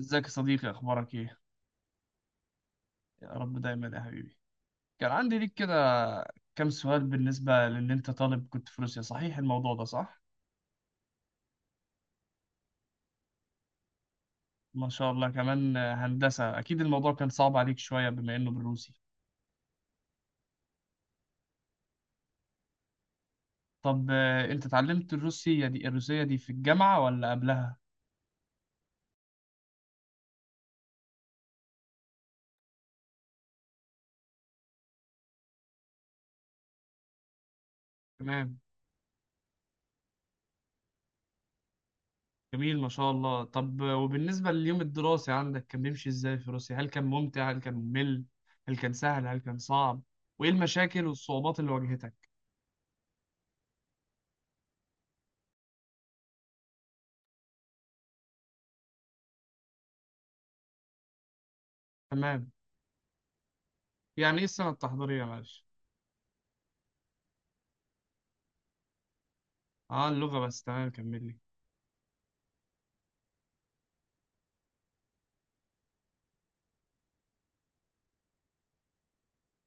ازيك يا صديقي؟ اخبارك ايه؟ يا رب دايما يا حبيبي. كان عندي ليك كده كام سؤال، بالنسبة لان انت طالب كنت في روسيا، صحيح الموضوع ده؟ صح، ما شاء الله. كمان هندسة، اكيد الموضوع كان صعب عليك شوية بما انه بالروسي. طب انت اتعلمت الروسية دي، الروسية دي في الجامعة ولا قبلها؟ تمام، جميل ما شاء الله. طب وبالنسبة لليوم الدراسي عندك، كان بيمشي ازاي في روسيا؟ هل كان ممتع هل كان ممل؟ هل كان سهل هل كان صعب؟ وايه المشاكل والصعوبات اللي واجهتك؟ تمام. يعني ايه السنة التحضيرية؟ معلش. اه، اللغة بس، تمام كمل لي.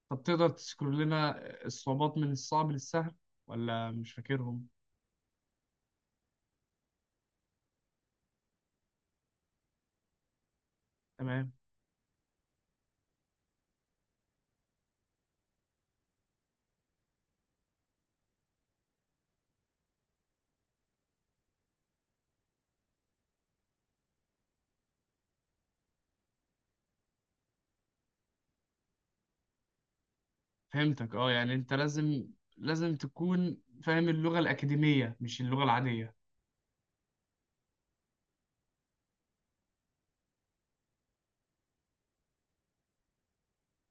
طب تقدر تذكر لنا الصعوبات من الصعب للسهل، ولا مش فاكرهم؟ تمام، فهمتك. اه، يعني انت لازم، لازم تكون فاهم اللغة الأكاديمية مش اللغة العادية.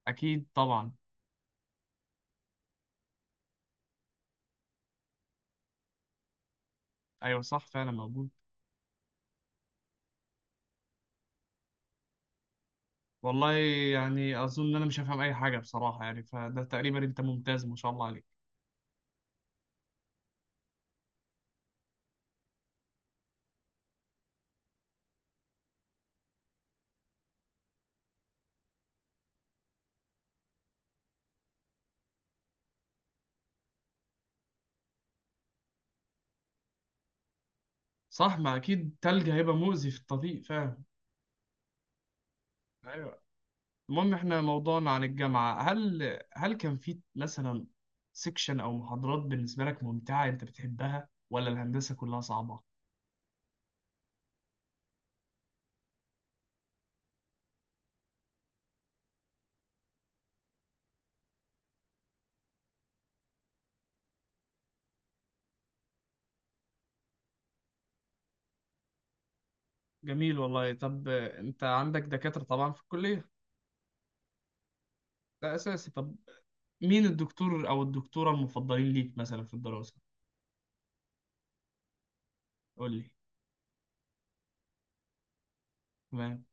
أكيد طبعا. أيوة صح، فعلا موجود. والله، يعني أظن إن أنا مش هفهم أي حاجة بصراحة، يعني فده تقريبا. أنت ممتاز ما شاء الله عليك. صح، ما أكيد تلج هيبقى مؤذي في الطريق فعلا. أيوة. المهم احنا موضوعنا عن الجامعة، هل كان في مثلا سيكشن او محاضرات بالنسبة لك ممتعة انت بتحبها، ولا الهندسة كلها صعبة؟ جميل والله. طب انت عندك دكاترة طبعا في الكلية، ده اساسي. طب مين الدكتور او الدكتورة المفضلين ليك مثلا في الدراسة؟ قول لي. تمام.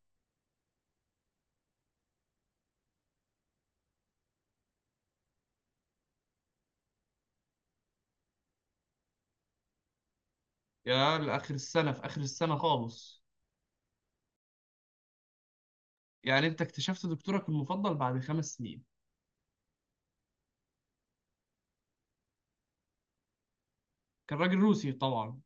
يا لآخر السنة، في آخر السنة خالص! يعني انت اكتشفت دكتورك المفضل بعد 5 سنين؟ كان راجل روسي طبعا.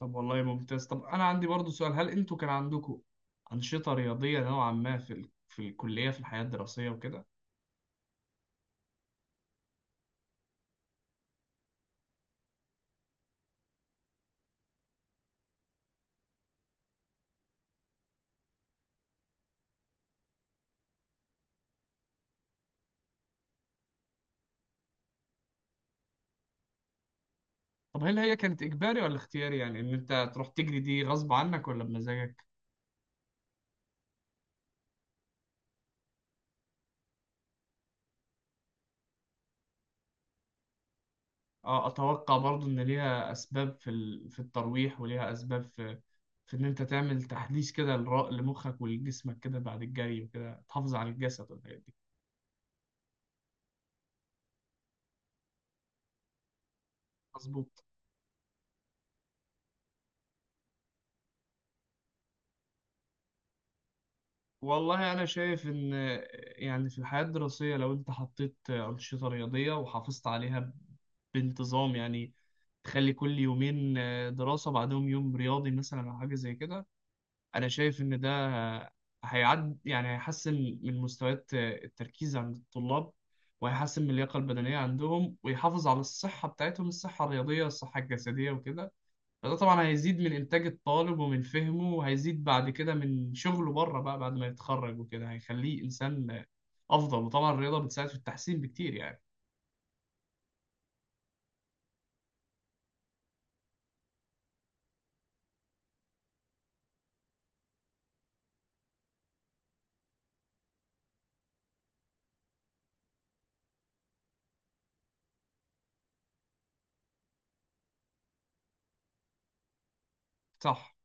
طب والله ممتاز. طب انا عندي برضو سؤال، هل انتوا كان عندكم انشطه رياضيه نوعا ما في ال... في الكليه، في الحياه الدراسيه وكده؟ طب هل هي كانت اجباري ولا اختياري؟ يعني ان انت تروح تجري دي غصب عنك ولا بمزاجك؟ اه، اتوقع برضو ان ليها اسباب في ال... في الترويح، وليها اسباب في في ان انت تعمل تحديث كده لمخك ولجسمك كده بعد الجري وكده، تحافظ على الجسد والحاجات دي. مظبوط. والله أنا شايف إن يعني في الحياة الدراسية لو أنت حطيت أنشطة رياضية وحافظت عليها بانتظام، يعني تخلي كل يومين دراسة بعدهم يوم رياضي مثلا أو حاجة زي كده، أنا شايف إن ده هيعد، يعني هيحسن من مستويات التركيز عند الطلاب، وهيحسن من اللياقة البدنية عندهم، ويحافظ على الصحة بتاعتهم، الصحة الرياضية الصحة الجسدية وكده. فده طبعا هيزيد من إنتاج الطالب ومن فهمه، وهيزيد بعد كده من شغله بره بقى بعد ما يتخرج وكده، هيخليه إنسان أفضل. وطبعا الرياضة بتساعد في التحسين بكتير يعني. صح.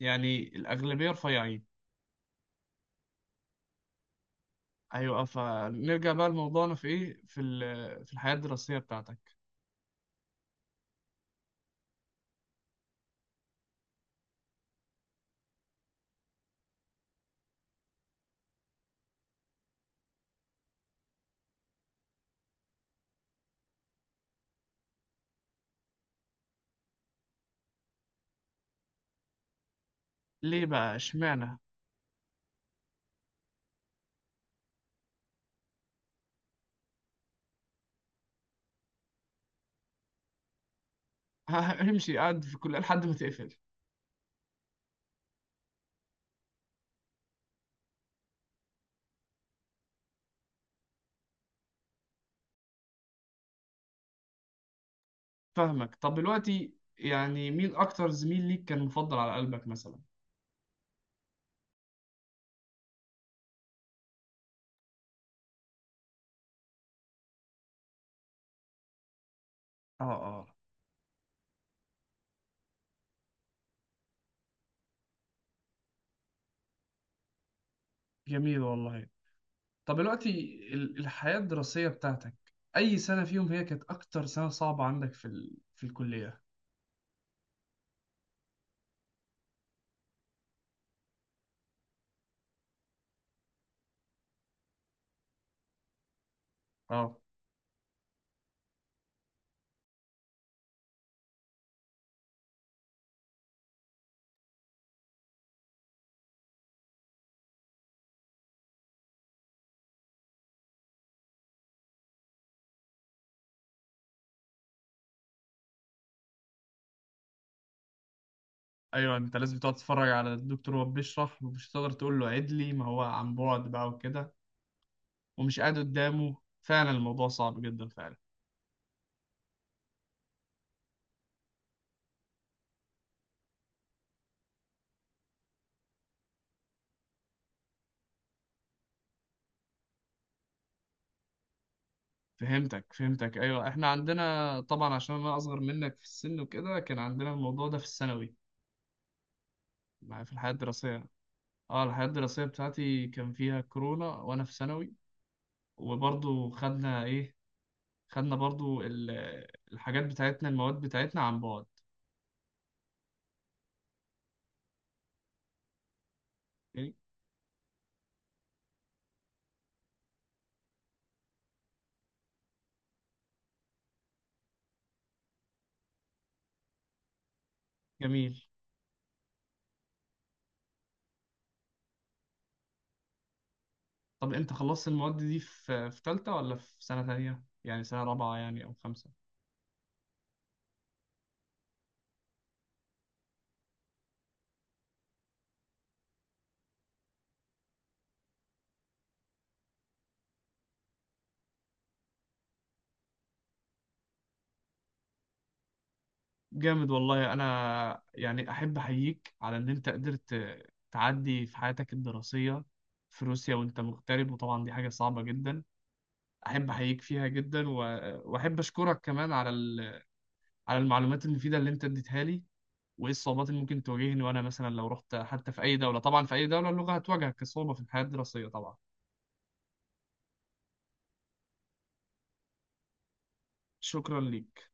يعني الأغلبية رفيعين. أيوة. فنرجع بقى لموضوعنا في إيه، في ال- في الحياة الدراسية بتاعتك. ليه بقى؟ إشمعنى؟ امشي قاعد في الكلية لحد ما تقفل. فاهمك. طب دلوقتي يعني مين أكتر زميل ليك كان مفضل على قلبك مثلا؟ اه اه. جميل والله. طب دلوقتي ال- الحياة الدراسية بتاعتك، أي سنة فيهم هي كانت أكتر سنة صعبة عندك في ال... في الكلية؟ أه. أيوه، أنت لازم تقعد تتفرج على الدكتور وهو بيشرح، ومش هتقدر تقول له عيد لي، ما هو عن بعد بقى وكده، ومش قاعد قدامه، فعلا الموضوع صعب جدا فعلا. فهمتك أيوه، إحنا عندنا طبعا، عشان أنا أصغر منك في السن وكده، كان عندنا الموضوع ده في الثانوي. في الحياة الدراسية، اه الحياة الدراسية بتاعتي كان فيها كورونا وأنا في ثانوي، وبرضه خدنا إيه، خدنا برضو ال- الحاجات بتاعتنا المواد بتاعتنا عن بعد. أوكي؟ جميل. طب انت خلصت المواد دي في في تالتة، ولا في سنة تانية يعني سنة رابعة يعني او خمسة؟ جامد والله. انا يعني احب احييك على ان انت قدرت تعدي في حياتك الدراسية في روسيا وانت مغترب، وطبعا دي حاجة صعبة جدا. احب احييك فيها جدا، و- واحب اشكرك كمان على ال- على المعلومات المفيدة اللي انت اديتها لي، وايه الصعوبات اللي ممكن تواجهني وانا مثلا لو رحت حتى في اي دوله. طبعا في اي دوله اللغه هتواجهك كصعوبه في الحياه الدراسيه طبعا. شكرا ليك.